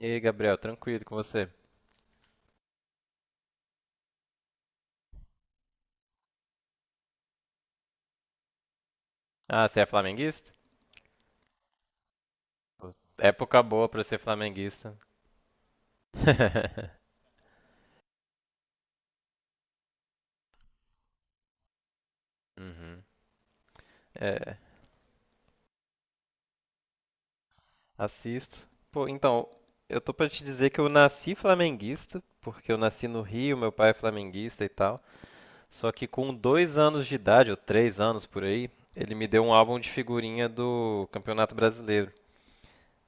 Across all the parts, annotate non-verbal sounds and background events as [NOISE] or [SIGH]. E aí, Gabriel, tranquilo com você? Ah, você é flamenguista? Pô, época boa pra ser flamenguista. [LAUGHS] Uhum. É, assisto. Pô, então, eu tô pra te dizer que eu nasci flamenguista, porque eu nasci no Rio, meu pai é flamenguista e tal. Só que com dois anos de idade, ou três anos por aí, ele me deu um álbum de figurinha do Campeonato Brasileiro.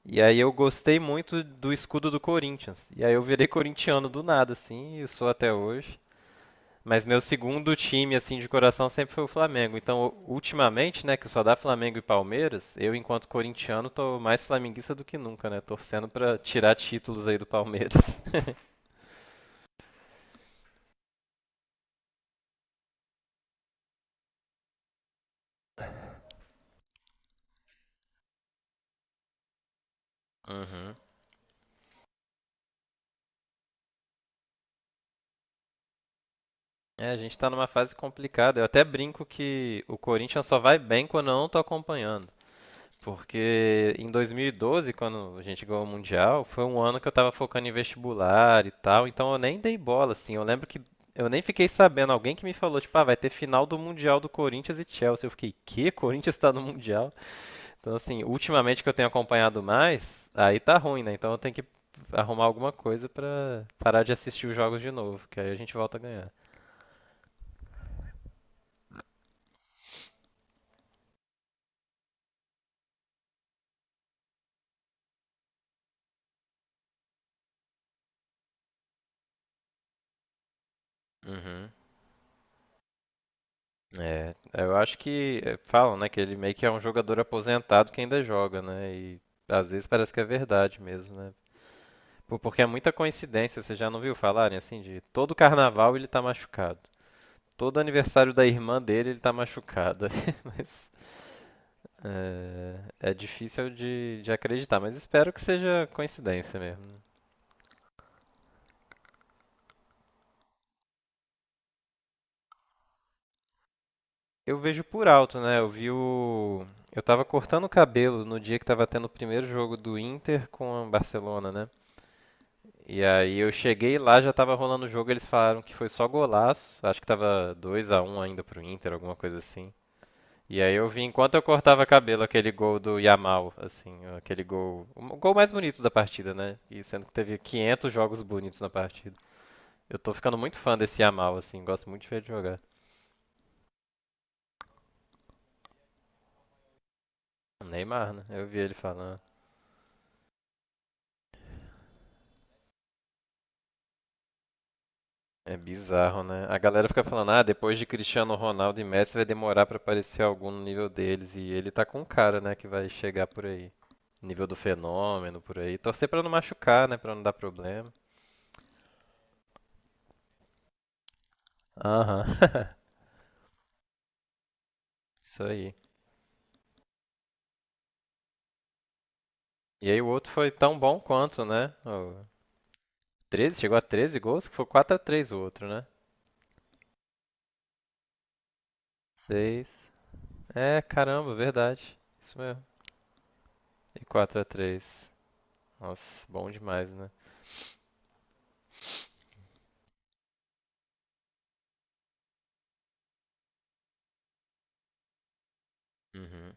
E aí eu gostei muito do escudo do Corinthians. E aí eu virei corintiano do nada, assim, e sou até hoje. Mas meu segundo time, assim, de coração sempre foi o Flamengo. Então, ultimamente, né, que só dá Flamengo e Palmeiras, eu, enquanto corintiano, tô mais flamenguista do que nunca, né? Torcendo pra tirar títulos aí do Palmeiras. [LAUGHS] Uhum. É, a gente tá numa fase complicada. Eu até brinco que o Corinthians só vai bem quando eu não tô acompanhando. Porque em 2012, quando a gente ganhou o Mundial, foi um ano que eu tava focando em vestibular e tal, então eu nem dei bola, assim. Eu lembro que eu nem fiquei sabendo. Alguém que me falou, tipo, ah, vai ter final do Mundial do Corinthians e Chelsea. Eu fiquei, que? Corinthians tá no Mundial? Então, assim, ultimamente que eu tenho acompanhado mais, aí tá ruim, né? Então eu tenho que arrumar alguma coisa pra parar de assistir os jogos de novo, que aí a gente volta a ganhar. Uhum. É, eu acho que é, falam, né, que ele meio que é um jogador aposentado que ainda joga, né? E às vezes parece que é verdade mesmo, né? Pô, porque é muita coincidência, você já não viu falarem assim de todo carnaval ele tá machucado. Todo aniversário da irmã dele ele tá machucado. [LAUGHS] Mas é, é difícil de acreditar, mas espero que seja coincidência mesmo, né? Eu vejo por alto, né? Eu vi o. Eu tava cortando o cabelo no dia que tava tendo o primeiro jogo do Inter com o Barcelona, né? E aí eu cheguei lá, já tava rolando o jogo, eles falaram que foi só golaço. Acho que tava 2 a um ainda pro Inter, alguma coisa assim. E aí eu vi enquanto eu cortava cabelo aquele gol do Yamal, assim, aquele gol, o gol mais bonito da partida, né? E sendo que teve 500 jogos bonitos na partida. Eu tô ficando muito fã desse Yamal, assim, gosto muito de ver ele jogar. Neymar, né? Eu vi ele falando. É bizarro, né? A galera fica falando, ah, depois de Cristiano Ronaldo e Messi vai demorar pra aparecer algum no nível deles. E ele tá com um cara, né, que vai chegar por aí. Nível do fenômeno, por aí. Torcer pra não machucar, né, pra não dar problema. Aham, [LAUGHS] isso aí. E aí o outro foi tão bom quanto, né? O 13, chegou a treze gols, que foi quatro a três o outro, né? 6. É, caramba, verdade. Isso mesmo. E quatro a três. Nossa, bom demais, né? Uhum.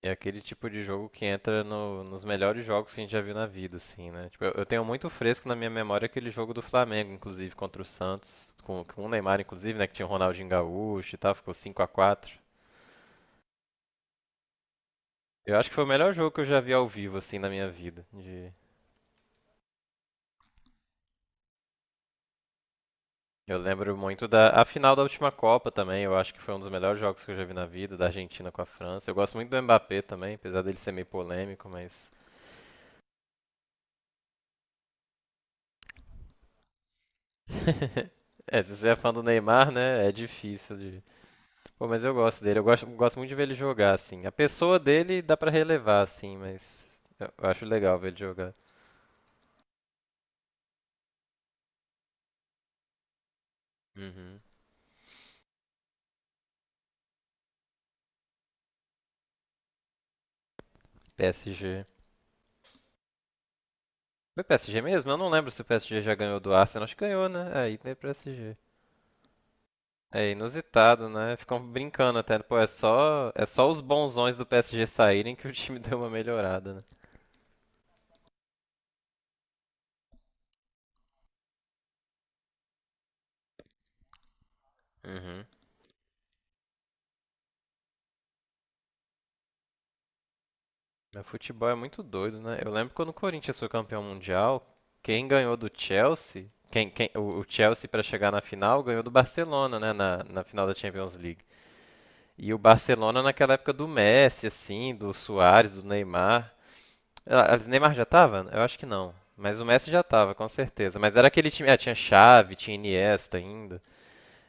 É aquele tipo de jogo que entra nos melhores jogos que a gente já viu na vida, assim, né? Tipo, eu tenho muito fresco na minha memória aquele jogo do Flamengo, inclusive, contra o Santos, com o Neymar, inclusive, né? Que tinha o Ronaldinho Gaúcho e tal, ficou 5 a 4. Eu acho que foi o melhor jogo que eu já vi ao vivo, assim, na minha vida. Eu lembro muito da a final da última Copa também, eu acho que foi um dos melhores jogos que eu já vi na vida, da Argentina com a França. Eu gosto muito do Mbappé também, apesar dele ser meio polêmico, mas. [LAUGHS] É, se você é fã do Neymar, né? É difícil de. Pô, mas eu gosto dele. Eu gosto, gosto muito de ver ele jogar, assim. A pessoa dele dá pra relevar, assim, mas eu acho legal ver ele jogar. Uhum. PSG. Foi PSG mesmo? Eu não lembro se o PSG já ganhou do Arsenal. Acho que ganhou, né? É, aí tem PSG. É inusitado, né? Ficam brincando até. Pô, é só os bonzões do PSG saírem que o time [LAUGHS] deu uma melhorada, né? Uhum. O futebol é muito doido, né? Eu lembro quando o Corinthians foi campeão mundial, quem ganhou do Chelsea, o Chelsea para chegar na final ganhou do Barcelona, né? Na final da Champions League. E o Barcelona naquela época do Messi, assim, do Suárez, do Neymar. Ah, o Neymar já tava? Eu acho que não. Mas o Messi já tava, com certeza. Mas era aquele time. Ah, tinha Xavi, tinha Iniesta ainda.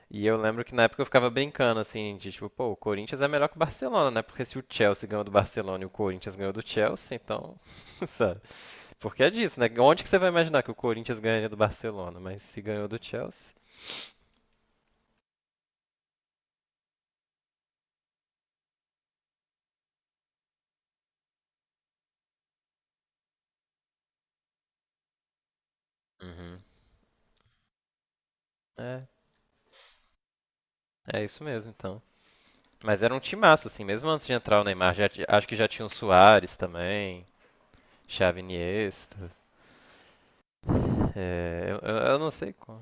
E eu lembro que na época eu ficava brincando, assim, de tipo, pô, o Corinthians é melhor que o Barcelona, né? Porque se o Chelsea ganhou do Barcelona e o Corinthians ganhou do Chelsea, então, [LAUGHS] sabe? Porque é disso, né? Onde que você vai imaginar que o Corinthians ganharia do Barcelona? Mas se ganhou do Chelsea, uhum, é, é isso mesmo, então. Mas era um timaço, assim, mesmo antes de entrar o Neymar, acho que já tinha o Suárez também, Xavi Iniesta, é, eu não sei como.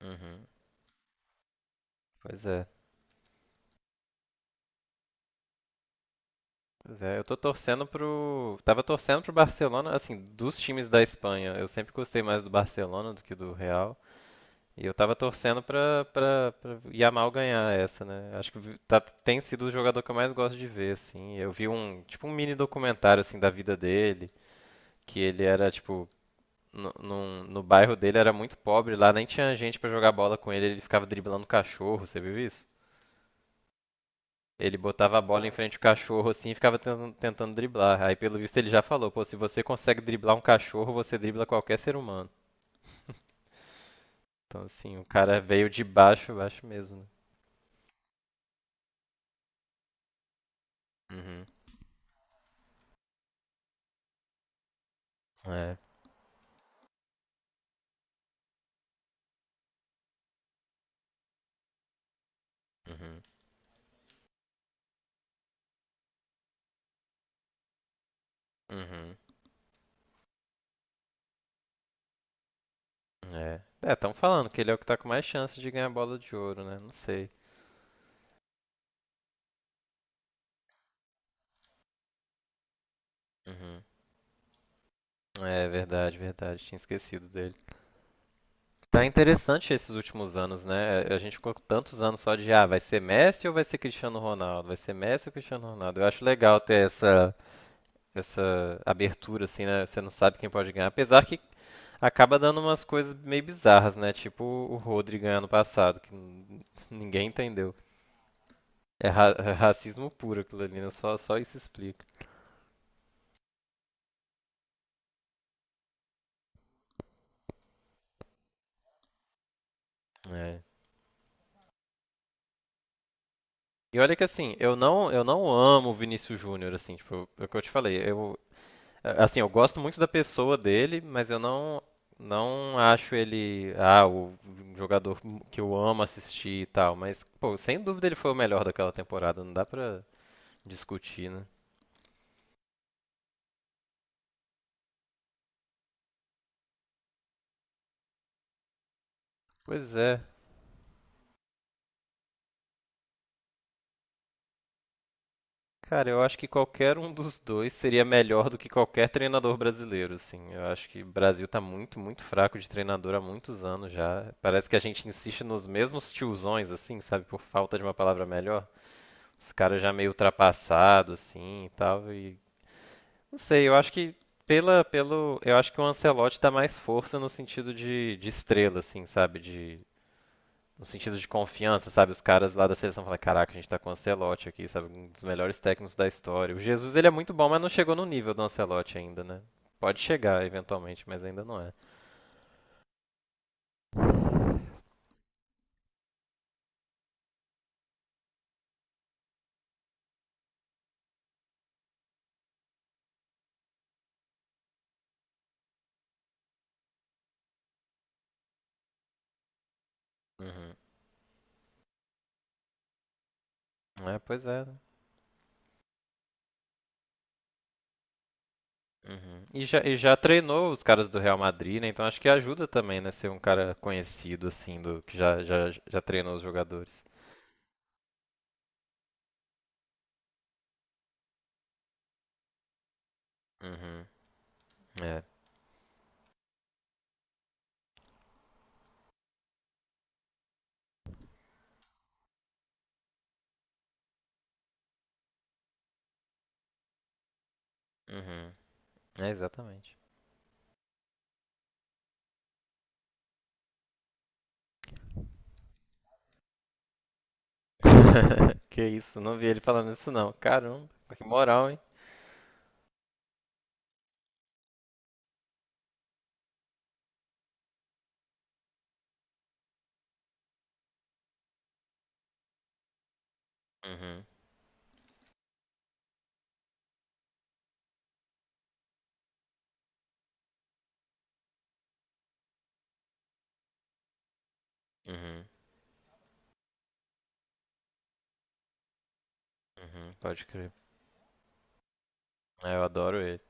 Uhum. Pois é. É, eu tô torcendo pro. Tava torcendo pro Barcelona, assim, dos times da Espanha. Eu sempre gostei mais do Barcelona do que do Real. E eu tava torcendo pra Yamal ganhar essa, né? Acho que tem sido o jogador que eu mais gosto de ver, assim. Eu vi um, tipo, um mini documentário, assim, da vida dele, que ele era, tipo, no bairro dele era muito pobre, lá nem tinha gente pra jogar bola com ele, ele ficava driblando cachorro, você viu isso? Ele botava a bola em frente ao cachorro assim e ficava tentando, tentando driblar. Aí, pelo visto, ele já falou: pô, se você consegue driblar um cachorro, você dribla qualquer ser humano. Então, assim, o cara veio de baixo, baixo mesmo. Né? Uhum. É. Uhum. Uhum. É. É, estão falando que ele é o que tá com mais chance de ganhar a bola de ouro, né? Não sei. Uhum. É verdade, verdade. Tinha esquecido dele. Tá interessante esses últimos anos, né? A gente ficou com tantos anos só de ah, vai ser Messi ou vai ser Cristiano Ronaldo? Vai ser Messi ou Cristiano Ronaldo? Eu acho legal ter essa abertura, assim, né? Você não sabe quem pode ganhar. Apesar que acaba dando umas coisas meio bizarras, né? Tipo o Rodri ganhar no passado, que [LAUGHS] ninguém entendeu. É, é racismo puro aquilo ali, né? Só isso explica. É. E olha que assim, eu não amo o Vinícius Júnior, assim, tipo, é o que eu te falei. Eu gosto muito da pessoa dele, mas eu não, não acho ele, ah, o jogador que eu amo assistir e tal. Mas, pô, sem dúvida ele foi o melhor daquela temporada, não dá pra discutir, né? Pois é. Cara, eu acho que qualquer um dos dois seria melhor do que qualquer treinador brasileiro, assim. Eu acho que o Brasil tá muito, muito fraco de treinador há muitos anos já. Parece que a gente insiste nos mesmos tiozões, assim, sabe? Por falta de uma palavra melhor. Os caras já meio ultrapassados, assim, e tal. E não sei, eu acho que eu acho que o Ancelotti dá mais força no sentido de estrela, assim, sabe? De no sentido de confiança, sabe? Os caras lá da seleção falam, caraca, a gente tá com o Ancelotti aqui, sabe? Um dos melhores técnicos da história. O Jesus, ele é muito bom, mas não chegou no nível do Ancelotti ainda, né? Pode chegar, eventualmente, mas ainda não é. Uhum. É, pois é. Uhum. E já treinou os caras do Real Madrid, né? Então acho que ajuda também, né? Ser um cara conhecido, assim, do que já treinou os jogadores. Uhum. É. Uhum. É, exatamente. Que isso, não vi ele falando isso não. Caramba, que moral, hein? Uhum. Uhum. Uhum. Pode crer. Ah, eu adoro ele.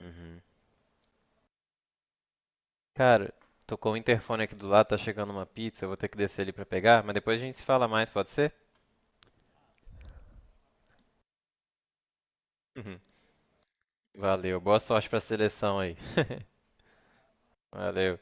Uhum. Cara, tocou o interfone aqui do lado, tá chegando uma pizza, eu vou ter que descer ali pra pegar, mas depois a gente se fala mais, pode ser? Uhum. Valeu, boa sorte pra seleção aí. [LAUGHS] Valeu.